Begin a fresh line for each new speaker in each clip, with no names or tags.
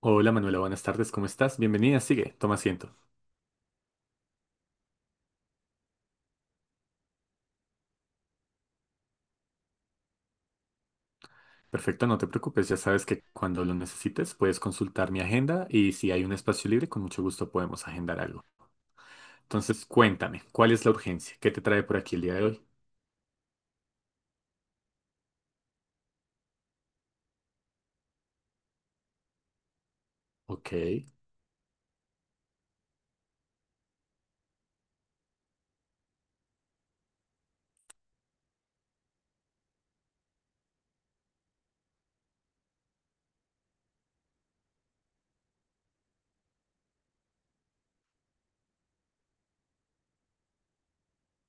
Hola Manuela, buenas tardes, ¿cómo estás? Bienvenida, sigue, toma asiento. Perfecto, no te preocupes, ya sabes que cuando lo necesites puedes consultar mi agenda y si hay un espacio libre, con mucho gusto podemos agendar algo. Entonces, cuéntame, ¿cuál es la urgencia? ¿Qué te trae por aquí el día de hoy? Ok,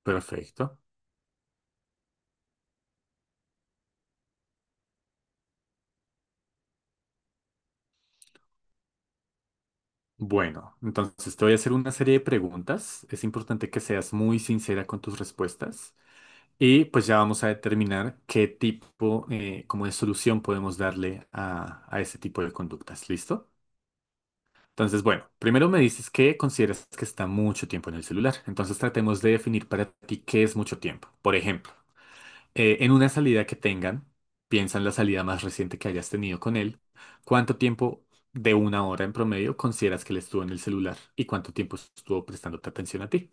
perfecto. Bueno, entonces te voy a hacer una serie de preguntas. Es importante que seas muy sincera con tus respuestas y pues ya vamos a determinar qué tipo, como de solución podemos darle a ese tipo de conductas. ¿Listo? Entonces, bueno, primero me dices que consideras que está mucho tiempo en el celular. Entonces tratemos de definir para ti qué es mucho tiempo. Por ejemplo, en una salida que tengan, piensa en la salida más reciente que hayas tenido con él, ¿cuánto tiempo de una hora en promedio consideras que él estuvo en el celular y cuánto tiempo estuvo prestándote atención a ti?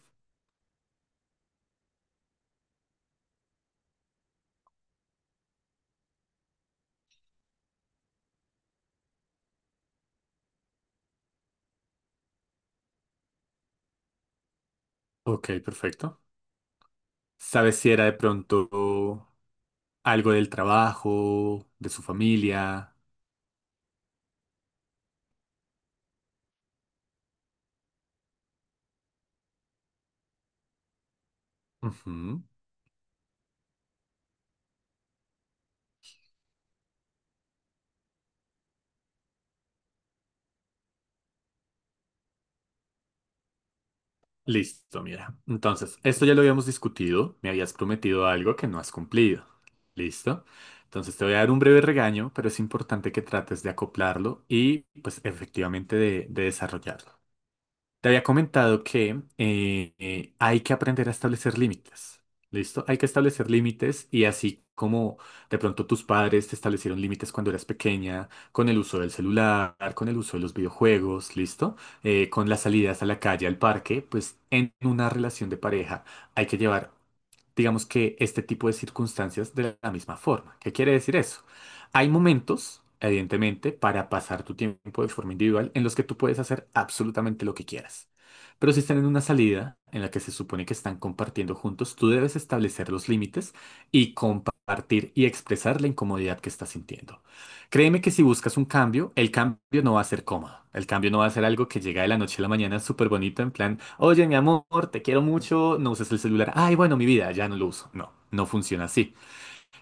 Ok, perfecto. ¿Sabes si era de pronto algo del trabajo, de su familia? Ujú. Listo, mira. Entonces, esto ya lo habíamos discutido. Me habías prometido algo que no has cumplido. ¿Listo? Entonces te voy a dar un breve regaño, pero es importante que trates de acoplarlo y pues efectivamente de desarrollarlo. Te había comentado que hay que aprender a establecer límites. ¿Listo? Hay que establecer límites y así como de pronto tus padres te establecieron límites cuando eras pequeña, con el uso del celular, con el uso de los videojuegos, ¿listo? Con las salidas a la calle, al parque, pues en una relación de pareja hay que llevar, digamos que este tipo de circunstancias de la misma forma. ¿Qué quiere decir eso? Hay momentos, evidentemente, para pasar tu tiempo de forma individual en los que tú puedes hacer absolutamente lo que quieras. Pero si están en una salida en la que se supone que están compartiendo juntos, tú debes establecer los límites y compartir y expresar la incomodidad que estás sintiendo. Créeme que si buscas un cambio, el cambio no va a ser cómodo. El cambio no va a ser algo que llega de la noche a la mañana súper bonito en plan, oye, mi amor, te quiero mucho, no uses el celular. Ay, bueno, mi vida, ya no lo uso. No, no funciona así.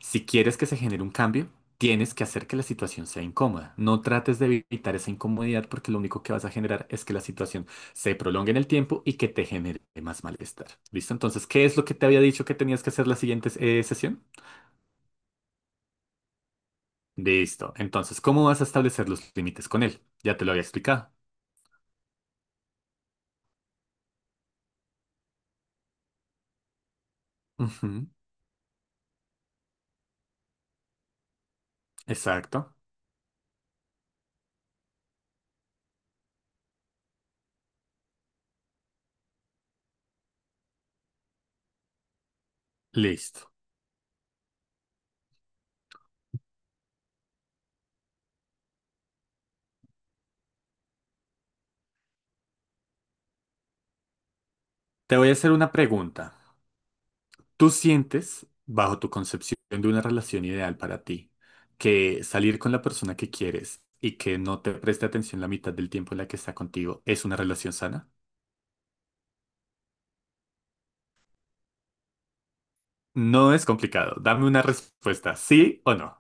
Si quieres que se genere un cambio, tienes que hacer que la situación sea incómoda. No trates de evitar esa incomodidad porque lo único que vas a generar es que la situación se prolongue en el tiempo y que te genere más malestar. ¿Listo? Entonces, ¿qué es lo que te había dicho que tenías que hacer la siguiente sesión? Listo. Entonces, ¿cómo vas a establecer los límites con él? Ya te lo había explicado. Ujú, exacto. Listo. Te voy a hacer una pregunta. ¿Tú sientes, bajo tu concepción de una relación ideal para ti, que salir con la persona que quieres y que no te preste atención la mitad del tiempo en la que está contigo es una relación sana? No es complicado. Dame una respuesta, sí o no.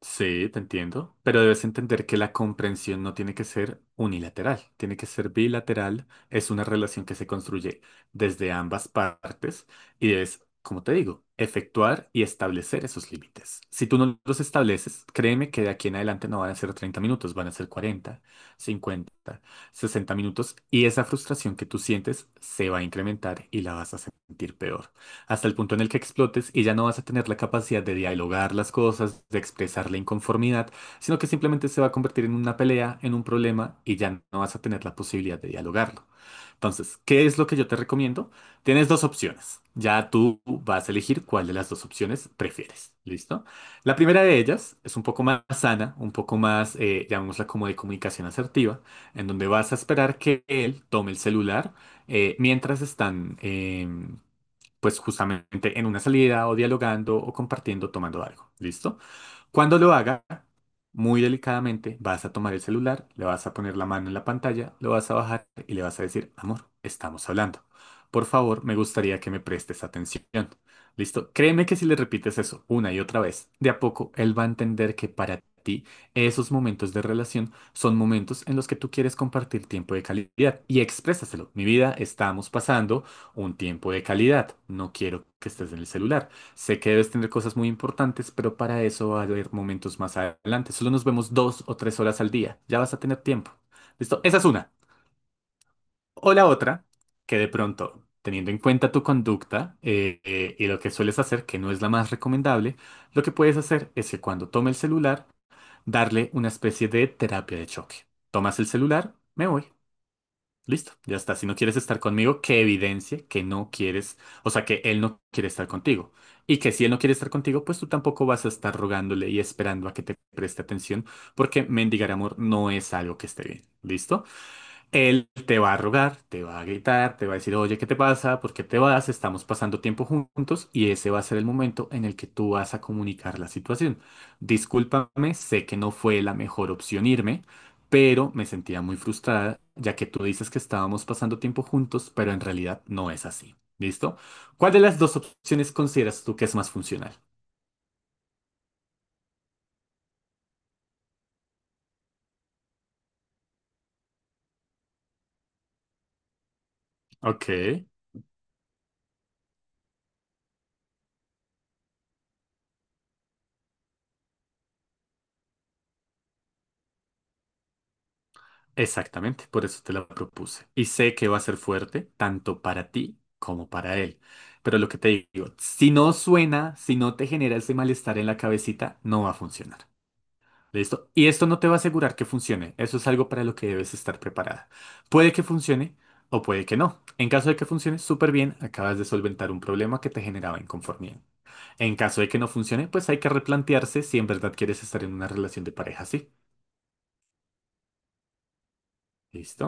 Sí, te entiendo, pero debes entender que la comprensión no tiene que ser unilateral, tiene que ser bilateral, es una relación que se construye desde ambas partes y es, como te digo, efectuar y establecer esos límites. Si tú no los estableces, créeme que de aquí en adelante no van a ser 30 minutos, van a ser 40, 50, 60 minutos y esa frustración que tú sientes se va a incrementar y la vas a sentir peor hasta el punto en el que explotes y ya no vas a tener la capacidad de dialogar las cosas, de expresar la inconformidad, sino que simplemente se va a convertir en una pelea, en un problema y ya no vas a tener la posibilidad de dialogarlo. Entonces, ¿qué es lo que yo te recomiendo? Tienes dos opciones. Ya tú vas a elegir cuál de las dos opciones prefieres. ¿Listo? La primera de ellas es un poco más sana, un poco más, llamémosla como de comunicación asertiva, en donde vas a esperar que él tome el celular mientras están, pues justamente en una salida o dialogando o compartiendo, tomando algo. ¿Listo? Cuando lo haga, muy delicadamente vas a tomar el celular, le vas a poner la mano en la pantalla, lo vas a bajar y le vas a decir, amor, estamos hablando. Por favor, me gustaría que me prestes atención. ¿Listo? Créeme que si le repites eso una y otra vez, de a poco él va a entender que para ti esos momentos de relación son momentos en los que tú quieres compartir tiempo de calidad y exprésaselo. Mi vida, estamos pasando un tiempo de calidad. No quiero que estés en el celular. Sé que debes tener cosas muy importantes, pero para eso va a haber momentos más adelante. Solo nos vemos dos o tres horas al día. Ya vas a tener tiempo. ¿Listo? Esa es una. O la otra, que de pronto, teniendo en cuenta tu conducta y lo que sueles hacer, que no es la más recomendable, lo que puedes hacer es que cuando tome el celular, darle una especie de terapia de choque. Tomas el celular, me voy. Listo, ya está. Si no quieres estar conmigo, que evidencie que no quieres, o sea, que él no quiere estar contigo. Y que si él no quiere estar contigo, pues tú tampoco vas a estar rogándole y esperando a que te preste atención, porque mendigar amor no es algo que esté bien. ¿Listo? Él te va a rogar, te va a gritar, te va a decir, oye, ¿qué te pasa? ¿Por qué te vas? Estamos pasando tiempo juntos y ese va a ser el momento en el que tú vas a comunicar la situación. Discúlpame, sé que no fue la mejor opción irme, pero me sentía muy frustrada, ya que tú dices que estábamos pasando tiempo juntos, pero en realidad no es así. ¿Listo? ¿Cuál de las dos opciones consideras tú que es más funcional? Ok. Exactamente, por eso te la propuse. Y sé que va a ser fuerte, tanto para ti como para él. Pero lo que te digo, si no suena, si no te genera ese malestar en la cabecita, no va a funcionar. ¿Listo? Y esto no te va a asegurar que funcione. Eso es algo para lo que debes estar preparada. Puede que funcione o puede que no. En caso de que funcione, súper bien, acabas de solventar un problema que te generaba inconformidad. En caso de que no funcione, pues hay que replantearse si en verdad quieres estar en una relación de pareja así. ¿Listo?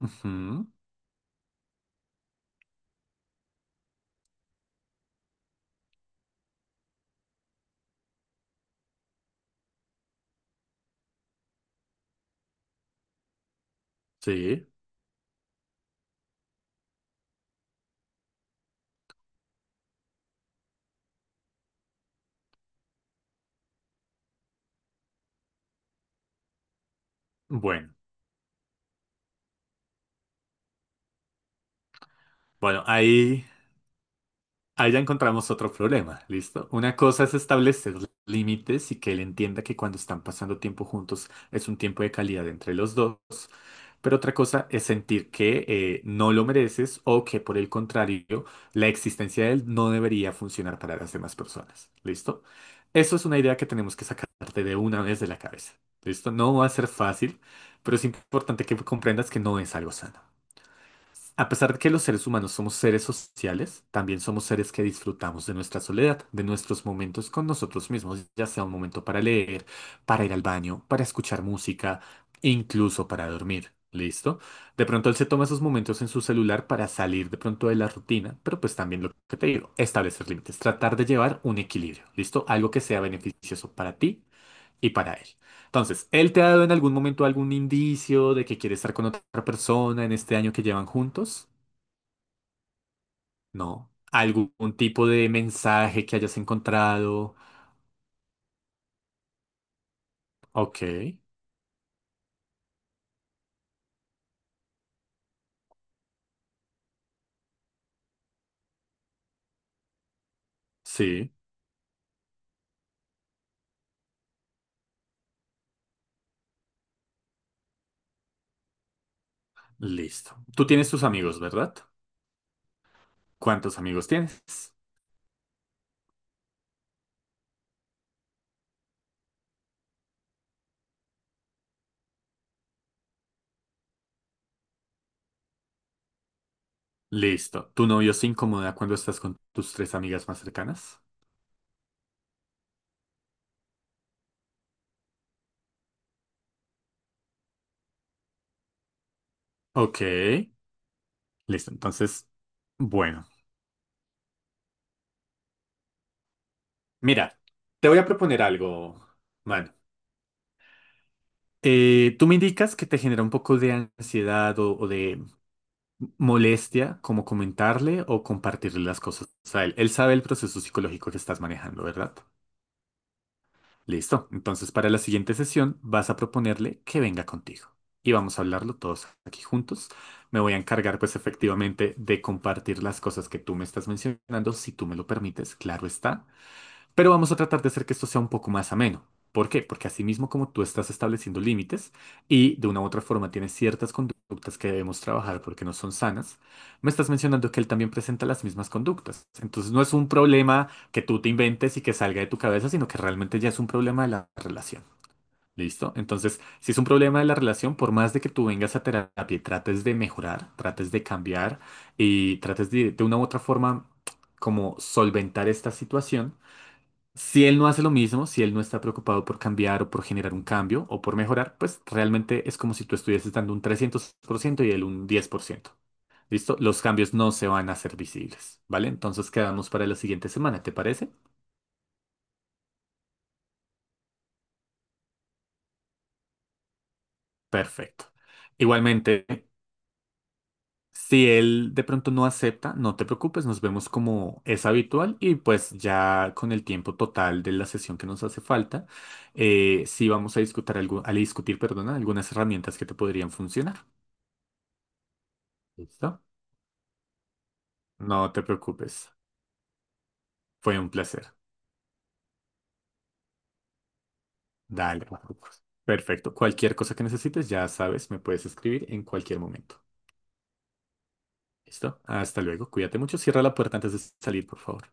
Ujú, sí. Bueno. Bueno, ahí, ahí ya encontramos otro problema, ¿listo? Una cosa es establecer límites y que él entienda que cuando están pasando tiempo juntos es un tiempo de calidad entre los dos, pero otra cosa es sentir que no lo mereces o que por el contrario, la existencia de él no debería funcionar para las demás personas, ¿listo? Eso es una idea que tenemos que sacarte de una vez de la cabeza, ¿listo? No va a ser fácil, pero es importante que comprendas que no es algo sano. A pesar de que los seres humanos somos seres sociales, también somos seres que disfrutamos de nuestra soledad, de nuestros momentos con nosotros mismos, ya sea un momento para leer, para ir al baño, para escuchar música, e incluso para dormir. ¿Listo? De pronto él se toma esos momentos en su celular para salir de pronto de la rutina, pero pues también lo que te digo, establecer límites, tratar de llevar un equilibrio, ¿listo? Algo que sea beneficioso para ti y para él. Entonces, ¿él te ha dado en algún momento algún indicio de que quiere estar con otra persona en este año que llevan juntos? No. ¿Algún tipo de mensaje que hayas encontrado? Ok, sí, listo. Tú tienes tus amigos, ¿verdad? ¿Cuántos amigos tienes? Listo. ¿Tu novio se incomoda cuando estás con tus tres amigas más cercanas? Ok, listo. Entonces, bueno. Mira, te voy a proponer algo, mano. Tú me indicas que te genera un poco de ansiedad o de molestia como comentarle o compartirle las cosas a él. Él sabe el proceso psicológico que estás manejando, ¿verdad? Listo. Entonces, para la siguiente sesión vas a proponerle que venga contigo. Y vamos a hablarlo todos aquí juntos. Me voy a encargar, pues, efectivamente, de compartir las cosas que tú me estás mencionando, si tú me lo permites, claro está. Pero vamos a tratar de hacer que esto sea un poco más ameno. ¿Por qué? Porque así mismo como tú estás estableciendo límites y de una u otra forma tienes ciertas conductas que debemos trabajar porque no son sanas, me estás mencionando que él también presenta las mismas conductas. Entonces no es un problema que tú te inventes y que salga de tu cabeza, sino que realmente ya es un problema de la relación. ¿Listo? Entonces, si es un problema de la relación, por más de que tú vengas a terapia y trates de mejorar, trates de cambiar y trates de una u otra forma como solventar esta situación, si él no hace lo mismo, si él no está preocupado por cambiar o por generar un cambio o por mejorar, pues realmente es como si tú estuvieses dando un 300 por ciento y él un 10 por ciento. ¿Listo? Los cambios no se van a hacer visibles, ¿vale? Entonces quedamos para la siguiente semana, ¿te parece? Perfecto. Igualmente, si él de pronto no acepta, no te preocupes, nos vemos como es habitual y pues ya con el tiempo total de la sesión que nos hace falta, sí vamos a discutir, algo, a discutir, perdona, algunas herramientas que te podrían funcionar. ¿Listo? No te preocupes. Fue un placer. Dale, Marcos. Perfecto. Cualquier cosa que necesites, ya sabes, me puedes escribir en cualquier momento. ¿Listo? Hasta luego. Cuídate mucho. Cierra la puerta antes de salir, por favor.